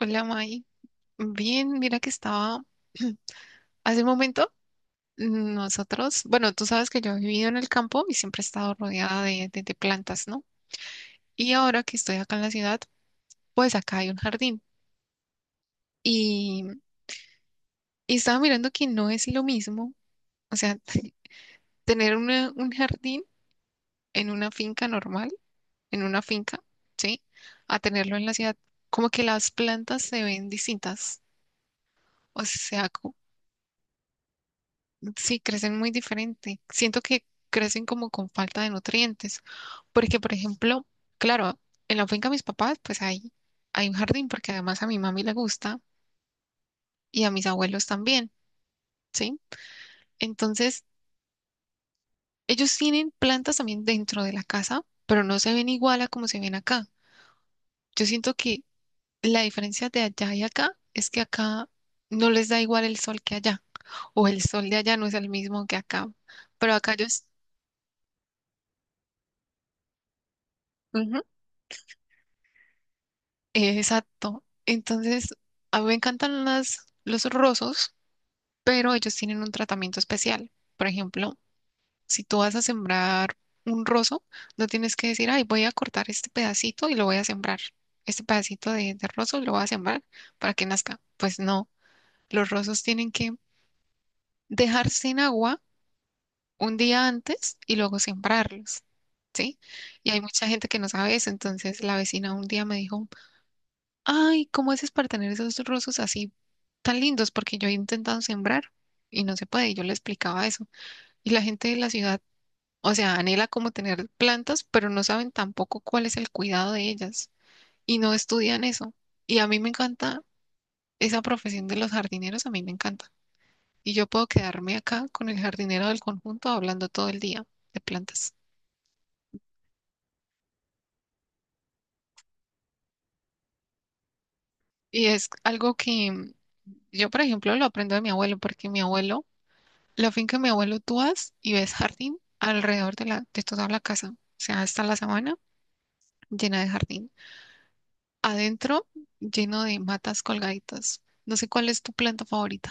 Hola May, bien, mira que estaba hace un momento nosotros, bueno, tú sabes que yo he vivido en el campo y siempre he estado rodeada de plantas, ¿no? Y ahora que estoy acá en la ciudad, pues acá hay un jardín y, y estaba mirando que no es lo mismo, o sea, tener un jardín en una finca normal, en una finca, ¿sí? A tenerlo en la ciudad, como que las plantas se ven distintas, o sea, sí, crecen muy diferente. Siento que crecen como con falta de nutrientes, porque, por ejemplo, claro, en la finca de mis papás, pues hay un jardín, porque además a mi mami le gusta y a mis abuelos también, ¿sí? Entonces, ellos tienen plantas también dentro de la casa, pero no se ven igual a como se ven acá. Yo siento que la diferencia de allá y acá es que acá no les da igual el sol que allá, o el sol de allá no es el mismo que acá, pero acá ellos... Exacto. Entonces, a mí me encantan los rosos, pero ellos tienen un tratamiento especial. Por ejemplo, si tú vas a sembrar un roso, no tienes que decir, ay, voy a cortar este pedacito y lo voy a sembrar. Este pedacito de roso lo voy a sembrar para que nazca. Pues no, los rosos tienen que dejarse en agua un día antes y luego sembrarlos. ¿Sí? Y hay mucha gente que no sabe eso. Entonces, la vecina un día me dijo, ay, ¿cómo haces para tener esos rosas así tan lindos? Porque yo he intentado sembrar y no se puede. Y yo le explicaba eso. Y la gente de la ciudad, o sea, anhela como tener plantas, pero no saben tampoco cuál es el cuidado de ellas y no estudian eso. Y a mí me encanta esa profesión de los jardineros, a mí me encanta. Y yo puedo quedarme acá con el jardinero del conjunto hablando todo el día de plantas. Y es algo que yo, por ejemplo, lo aprendo de mi abuelo, porque mi abuelo la finca de mi abuelo, tú vas y ves jardín alrededor de toda la casa. O sea, hasta la sabana llena de jardín. Adentro, lleno de matas colgaditas. No sé cuál es tu planta favorita.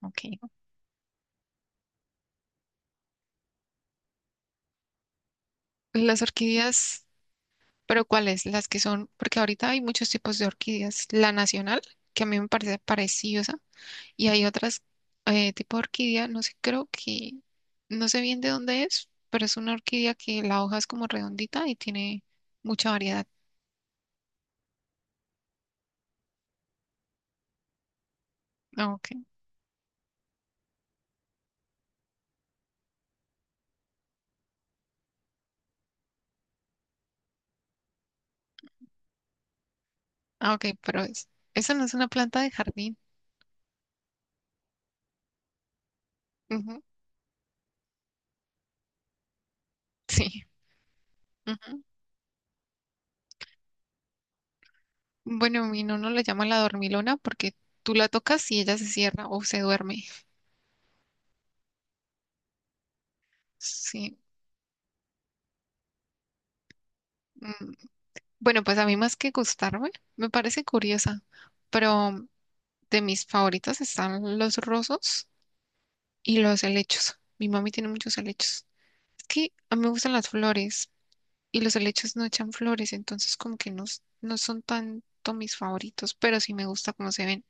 Ok. Las orquídeas, pero ¿cuáles? Las que son, porque ahorita hay muchos tipos de orquídeas. La nacional, que a mí me parece pareciosa, y hay otras tipo de orquídea, no sé, creo que, no sé bien de dónde es, pero es una orquídea que la hoja es como redondita y tiene mucha variedad. Ok. Ah, ok, pero es, eso no es una planta de jardín. Ujú, sí. Ujú. Bueno, mi no la llama la dormilona porque tú la tocas y ella se cierra o se duerme. Sí. mm. Bueno, pues a mí más que gustarme, me parece curiosa, pero de mis favoritas están los rosos y los helechos. Mi mami tiene muchos helechos. Es que a mí me gustan las flores y los helechos no echan flores, entonces como que no son tanto mis favoritos, pero sí me gusta cómo se ven.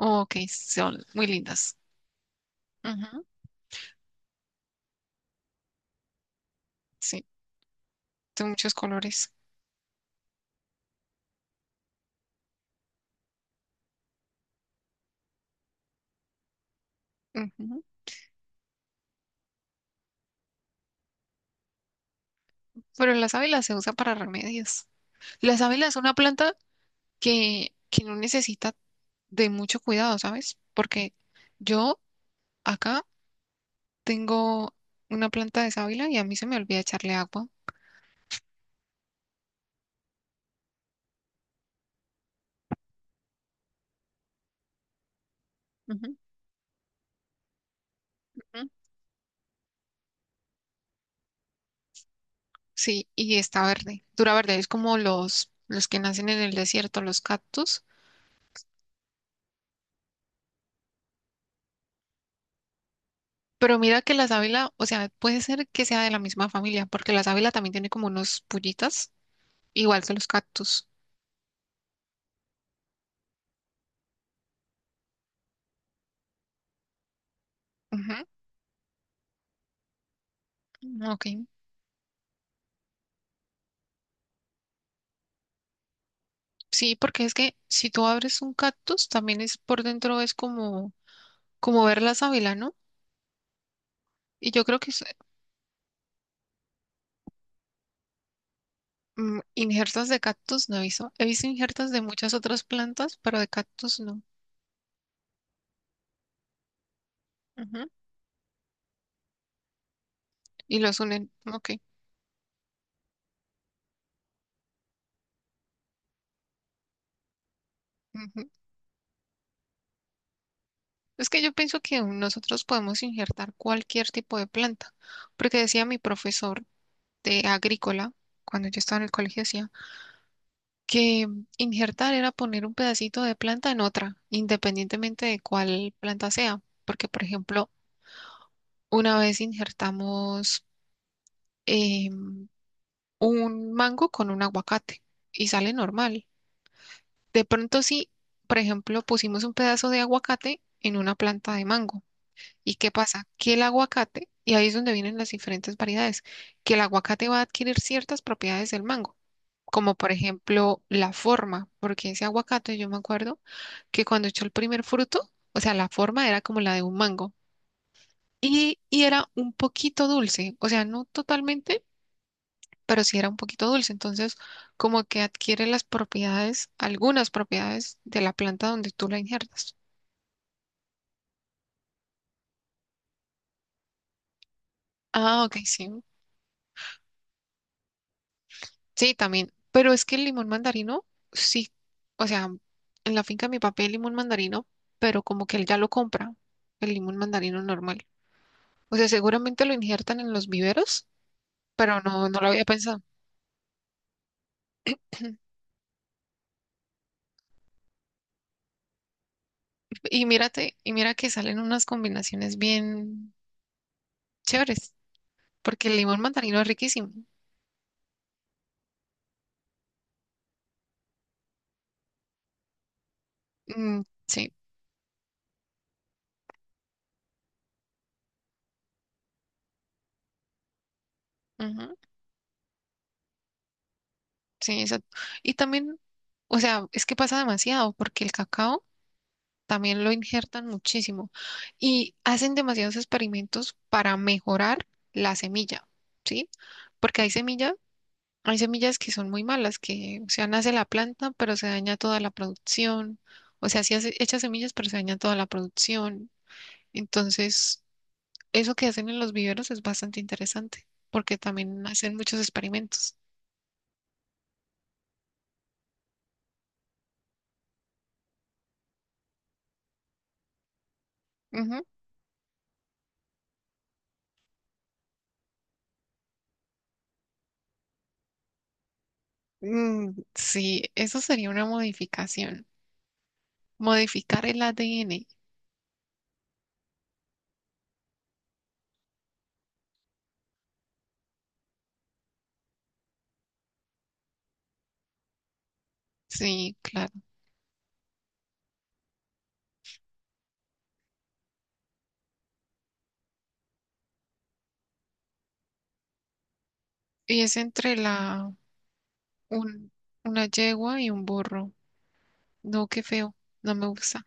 Oh, ok, son muy lindas. Ujú, sí, de muchos colores. Ujú. Pero las sábila se usa para remedios. La sábila es una planta que no necesita de mucho cuidado, ¿sabes? Porque yo acá tengo una planta de sábila y a mí se me olvida echarle agua. Ujú, ujú. Sí, y está verde, dura verde. Es como los que nacen en el desierto, los cactus. Pero mira que la sábila, o sea, puede ser que sea de la misma familia, porque la sábila también tiene como unos pullitas igual que los cactus. Ujú, ah, ok. Sí, porque es que si tú abres un cactus, también es por dentro, es como, como ver la sábila, ¿no? Y yo creo mm, injertas de cactus no he visto. He visto injertas de muchas otras plantas, pero de cactus no. Ujú, y los unen. Ok. Ujú. Es que yo pienso que nosotros podemos injertar cualquier tipo de planta, porque decía mi profesor de agrícola, cuando yo estaba en el colegio, decía, que injertar era poner un pedacito de planta en otra, independientemente de cuál planta sea, porque por ejemplo, una vez injertamos eh, un mango con un aguacate y sale normal. De pronto sí, por ejemplo, pusimos un pedazo de aguacate en una planta de mango. ¿Y qué pasa? Que el aguacate, y ahí es donde vienen las diferentes variedades, que el aguacate va a adquirir ciertas propiedades del mango, como por ejemplo la forma, porque ese aguacate, yo me acuerdo, que cuando echó el primer fruto, o sea, la forma era como la de un mango y era un poquito dulce, o sea, no totalmente, pero sí era un poquito dulce. Entonces, como que adquiere las propiedades, algunas propiedades de la planta donde tú la injertas. Ah, ok, sí. Sí, también. Pero es que el limón mandarino, sí, o sea, en la finca de mi papá hay limón mandarino, pero como que él ya lo compra, el limón mandarino normal. O sea, seguramente lo injertan en los viveros, pero no lo había pensado. Y mira que salen unas combinaciones bien chéveres, porque el limón mandarino es riquísimo. Mm, sí, ujú, sí, exacto. Y también, o sea, es que pasa demasiado, porque el cacao también lo injertan muchísimo y hacen demasiados experimentos para mejorar la semilla, ¿sí? Porque hay semillas que son muy malas, que, o sea, nace la planta, pero se daña toda la producción. O sea, sí echa semillas, pero se daña toda la producción. Entonces eso que hacen en los viveros es bastante interesante porque también hacen muchos experimentos. Ujú. Mm, sí, eso sería una modificación. Modificar el ADN. Sí, claro. Y es entre la un- una yegua y un burro. No, qué feo. No me gusta.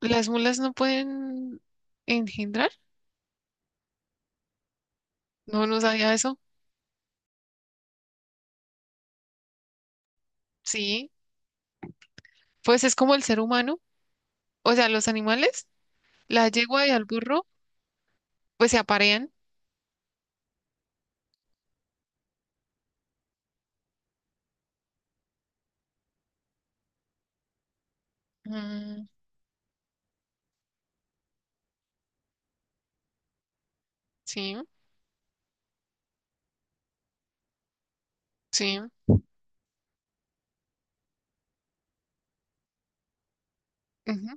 ¿Las mulas no pueden engendrar? No, no sabía eso. Sí, pues es como el ser humano. O sea, los animales, la yegua y el burro, pues se aparean. Mm, sí, sí. Ujú.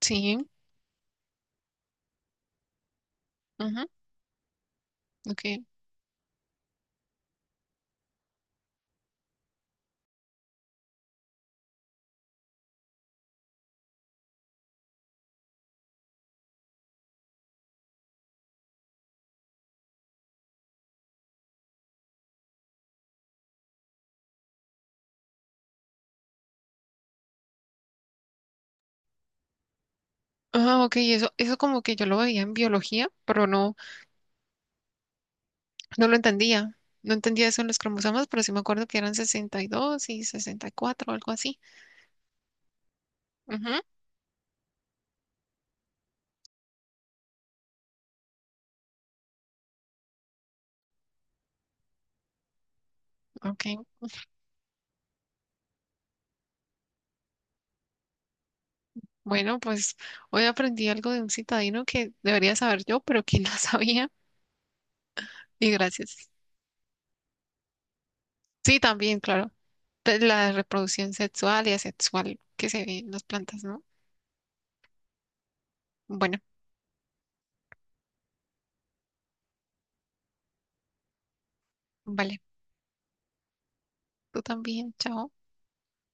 Sí, ajá, ok. Ah, ok, eso como que yo lo veía en biología, pero no, no lo entendía. No entendía eso en los cromosomas, pero sí me acuerdo que eran sesenta y 64 o algo así. Ajá, ok. Bueno, pues hoy aprendí algo de un citadino que debería saber yo, pero que no sabía. Y gracias. Sí, también, claro. De la reproducción sexual y asexual que se ve en las plantas, ¿no? Bueno, vale. Tú también, chao.